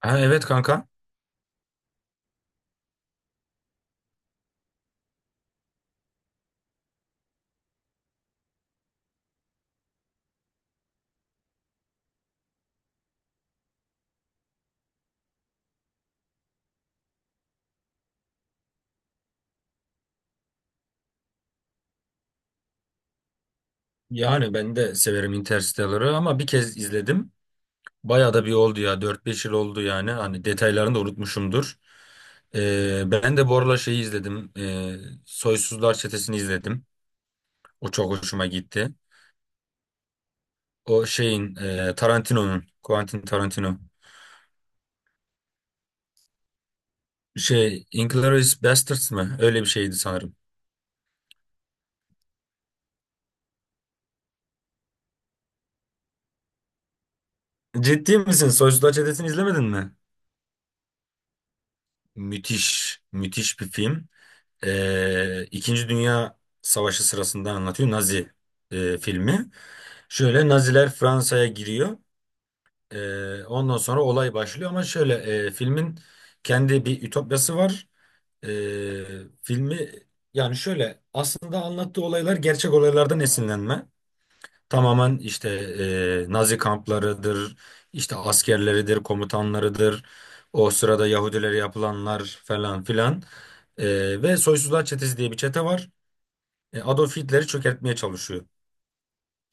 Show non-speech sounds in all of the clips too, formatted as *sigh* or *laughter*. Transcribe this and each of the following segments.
Ha, evet kanka. Yani ben de severim Interstellar'ı ama bir kez izledim. Bayağı da bir oldu ya. Dört beş yıl oldu yani. Hani detaylarını da unutmuşumdur. Ben de bu aralar şeyi izledim. Soysuzlar Çetesi'ni izledim. O çok hoşuma gitti. O şeyin Tarantino'nun, Quentin Tarantino. Şey, Inglourious Basterds mı? Öyle bir şeydi sanırım. Ciddi misin? Soysuzlar Çetesi'ni izlemedin mi? Müthiş, müthiş bir film. İkinci Dünya Savaşı sırasında anlatıyor Nazi filmi. Şöyle Naziler Fransa'ya giriyor. Ondan sonra olay başlıyor ama şöyle filmin kendi bir ütopyası var. Ee, Filmi yani şöyle aslında anlattığı olaylar gerçek olaylardan esinlenme. Tamamen işte Nazi kamplarıdır, işte askerleridir, komutanlarıdır, o sırada Yahudilere yapılanlar falan filan. Ve Soysuzlar Çetesi diye bir çete var. Adolf Hitler'i çökertmeye çalışıyor.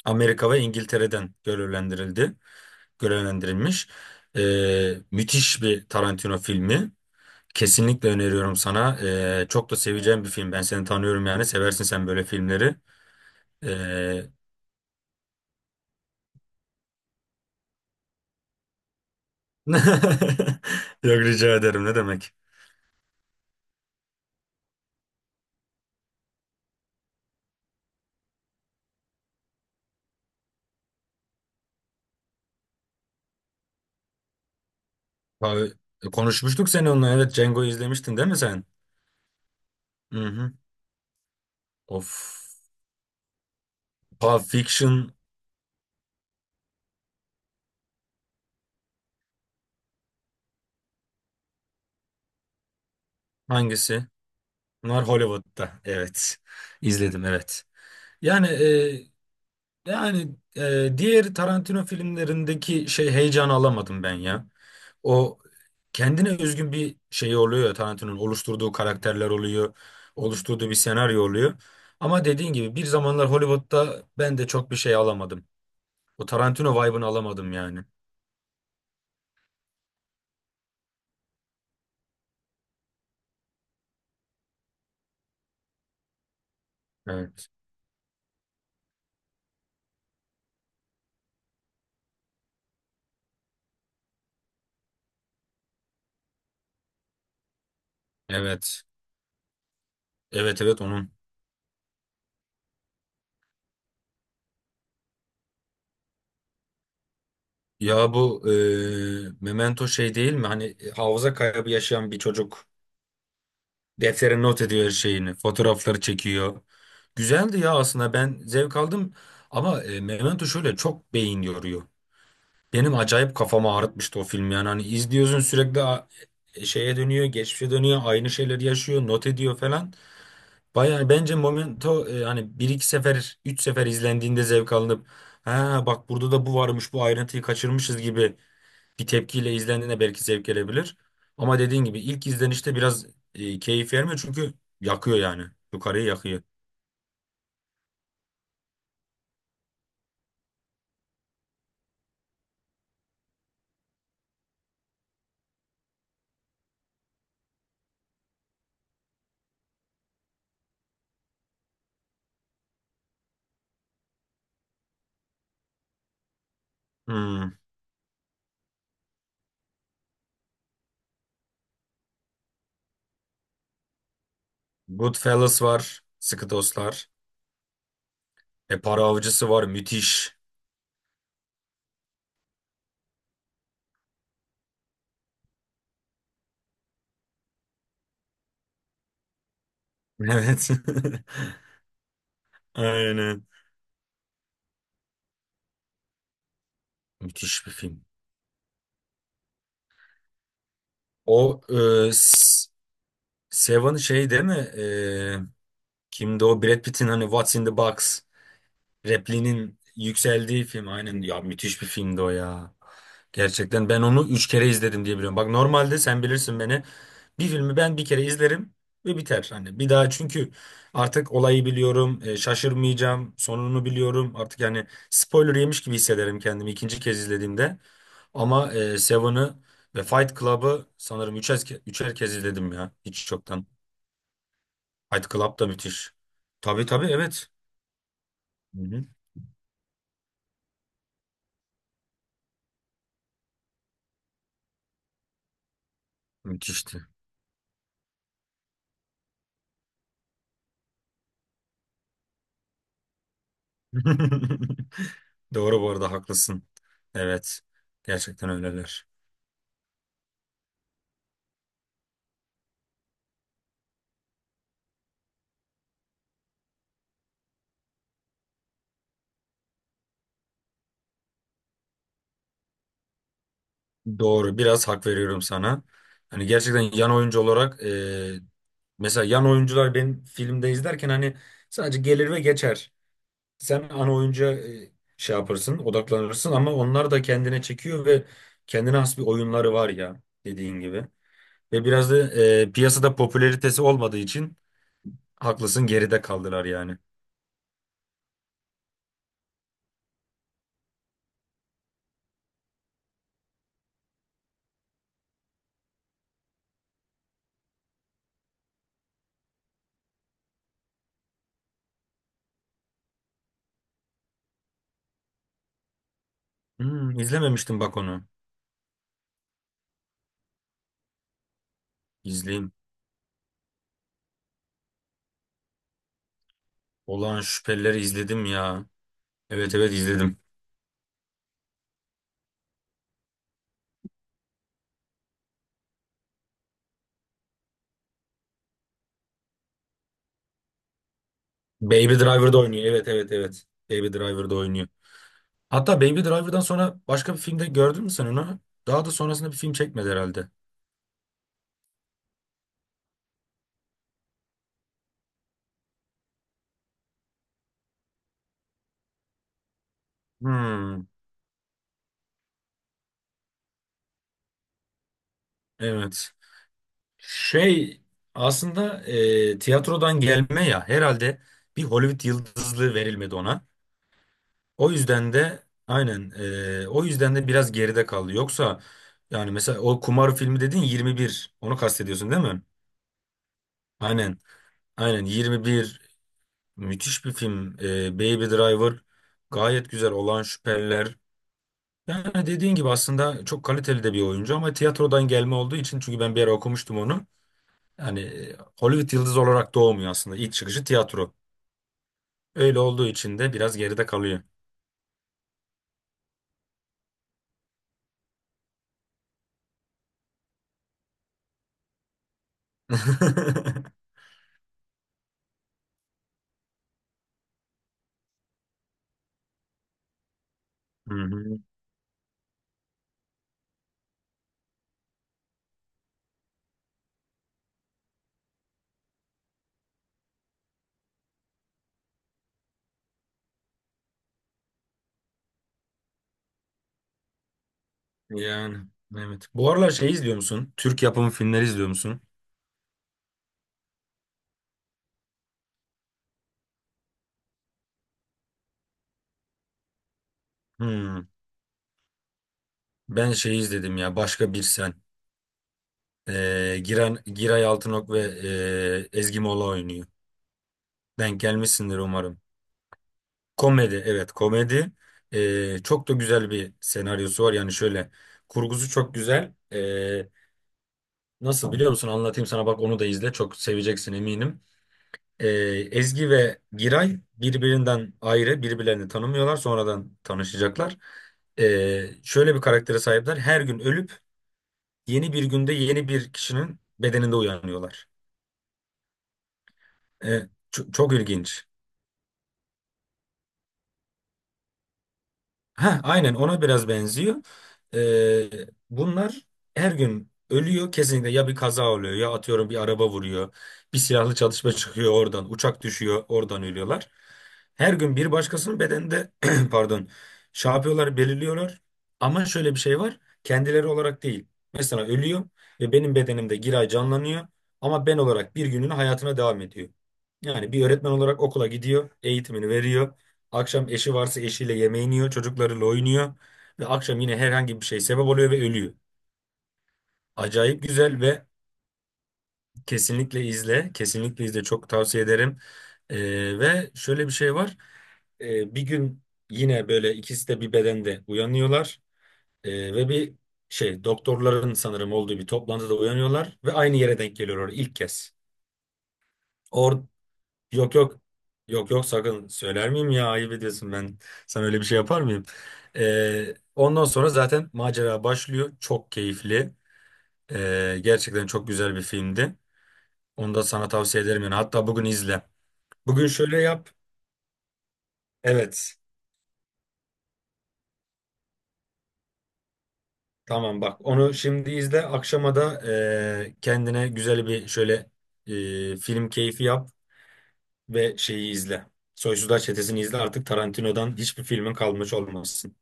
Amerika ve İngiltere'den görevlendirildi, görevlendirilmiş. E, Müthiş bir Tarantino filmi. Kesinlikle öneriyorum sana. Çok da seveceğin bir film. Ben seni tanıyorum yani. Seversin sen böyle filmleri. E, *laughs* Yok rica ederim ne demek. Abi, konuşmuştuk seni onunla. Evet, Django izlemiştin değil mi sen? Hı hı. Of. Pulp Fiction hangisi? Bunlar Hollywood'da. Evet. İzledim evet. Yani e, yani diğer Tarantino filmlerindeki şey heyecanı alamadım ben ya. O kendine özgün bir şey oluyor ya, Tarantino'nun oluşturduğu karakterler oluyor, oluşturduğu bir senaryo oluyor. Ama dediğin gibi bir zamanlar Hollywood'da ben de çok bir şey alamadım. O Tarantino vibe'ını alamadım yani. Evet. Evet. Evet evet onun. Ya bu Memento şey değil mi? Hani hafıza kaybı yaşayan bir çocuk deftere not ediyor her şeyini. Fotoğrafları çekiyor. Güzeldi ya, aslında ben zevk aldım. Ama Memento şöyle çok beyin yoruyor. Benim acayip kafamı ağrıtmıştı o film yani. Hani izliyorsun sürekli şeye dönüyor, geçmişe dönüyor, aynı şeyleri yaşıyor, not ediyor falan. Bayağı bence Momento, hani bir iki sefer, üç sefer izlendiğinde zevk alınıp ha bak burada da bu varmış, bu ayrıntıyı kaçırmışız gibi bir tepkiyle izlendiğinde belki zevk gelebilir. Ama dediğin gibi ilk izlenişte biraz keyif vermiyor çünkü yakıyor yani. Yukarıyı yakıyor. Hmm. Goodfellas var, Sıkı Dostlar. E Para Avcısı var, müthiş. *laughs* Evet. *laughs* Aynen. Müthiş bir film. O e, S- Seven şey değil mi? Kimdi o? Brad Pitt'in hani What's in the Box repliğinin yükseldiği film. Aynen ya, müthiş bir filmdi o ya. Gerçekten ben onu üç kere izledim diye biliyorum. Bak normalde sen bilirsin beni. Bir filmi ben bir kere izlerim ve biter. Hani bir daha çünkü artık olayı biliyorum, şaşırmayacağım, sonunu biliyorum. Artık yani spoiler yemiş gibi hissederim kendimi ikinci kez izlediğimde. Ama Seven'ı ve Fight Club'ı sanırım üçer kez izledim ya hiç çoktan. Fight Club da müthiş. Tabii tabii evet. Hı hı. Müthişti. *laughs* Doğru bu arada, haklısın. Evet. Gerçekten öyleler. Doğru. Biraz hak veriyorum sana. Hani gerçekten yan oyuncu olarak, mesela yan oyuncular benim filmde izlerken hani sadece gelir ve geçer. Sen ana oyuncuya şey yaparsın, odaklanırsın ama onlar da kendine çekiyor ve kendine has bir oyunları var ya dediğin gibi. Ve biraz da piyasada popülaritesi olmadığı için haklısın, geride kaldılar yani. Hmm, izlememiştim bak onu. İzleyeyim. Olağan Şüphelileri izledim ya. Evet evet izledim. Baby Driver'da oynuyor. Evet evet evet. Baby Driver'da oynuyor. Hatta Baby Driver'dan sonra başka bir filmde gördün mü sen onu? Daha da sonrasında bir film çekmedi herhalde. Hmm, evet. Şey aslında tiyatrodan gelme ya. Herhalde bir Hollywood yıldızlığı verilmedi ona. O yüzden de aynen o yüzden de biraz geride kaldı. Yoksa yani mesela o kumar filmi dedin 21. Onu kastediyorsun değil mi? Aynen. Aynen 21 müthiş bir film. Baby Driver, gayet güzel, olan şüpheliler. Yani dediğin gibi aslında çok kaliteli de bir oyuncu ama tiyatrodan gelme olduğu için, çünkü ben bir ara okumuştum onu. Yani Hollywood yıldızı olarak doğmuyor aslında. İlk çıkışı tiyatro. Öyle olduğu için de biraz geride kalıyor. *laughs* Hı hı. Yani evet. Bu aralar şey izliyor musun? Türk yapımı filmleri izliyor musun? Hmm. Ben şey izledim ya, Başka Bir Sen. Giray Altınok ve Ezgi Mola oynuyor. Denk gelmişsindir umarım. Komedi, evet komedi. Çok da güzel bir senaryosu var. Yani şöyle kurgusu çok güzel. Nasıl biliyor musun? Anlatayım sana, bak onu da izle. Çok seveceksin eminim. Ee, Ezgi ve Giray birbirinden ayrı, birbirlerini tanımıyorlar. Sonradan tanışacaklar. Şöyle bir karaktere sahipler. Her gün ölüp yeni bir günde yeni bir kişinin bedeninde uyanıyorlar. Ee, Çok ilginç. Heh, aynen ona biraz benziyor. Ee, Bunlar her gün ölüyor kesinlikle, ya bir kaza oluyor ya atıyorum bir araba vuruyor. Bir silahlı çalışma *laughs* çıkıyor, oradan uçak düşüyor, oradan ölüyorlar. Her gün bir başkasının bedeninde *clears throat* pardon, şey yapıyorlar, belirliyorlar. Ama şöyle bir şey var, kendileri olarak değil. Mesela ölüyor ve benim bedenimde Giray canlanıyor ama ben olarak bir gününü hayatına devam ediyor. Yani bir öğretmen olarak okula gidiyor, eğitimini veriyor. Akşam eşi varsa eşiyle yemeğini yiyor, çocuklarıyla oynuyor ve akşam yine herhangi bir şey sebep oluyor ve ölüyor. Acayip güzel ve kesinlikle izle, kesinlikle izle, çok tavsiye ederim. Ve şöyle bir şey var. Bir gün yine böyle ikisi de bir bedende uyanıyorlar. Ve bir şey doktorların sanırım olduğu bir toplantıda uyanıyorlar ve aynı yere denk geliyorlar ilk kez. Yok yok. Yok yok, sakın söyler miyim ya, ayıp ediyorsun, ben sana öyle bir şey yapar mıyım? Ondan sonra zaten macera başlıyor, çok keyifli. Gerçekten çok güzel bir filmdi, onu da sana tavsiye ederim yani, hatta bugün izle. Bugün şöyle yap, evet, tamam bak, onu şimdi izle, akşama da kendine güzel bir şöyle film keyfi yap ve şeyi izle. Soysuzlar Çetesi'ni izle, artık Tarantino'dan hiçbir filmin kalmış olmasın.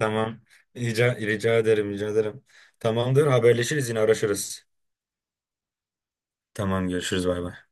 Tamam. Rica, rica ederim, rica ederim. Tamamdır, haberleşiriz yine araşırız. Tamam, görüşürüz, bay bay.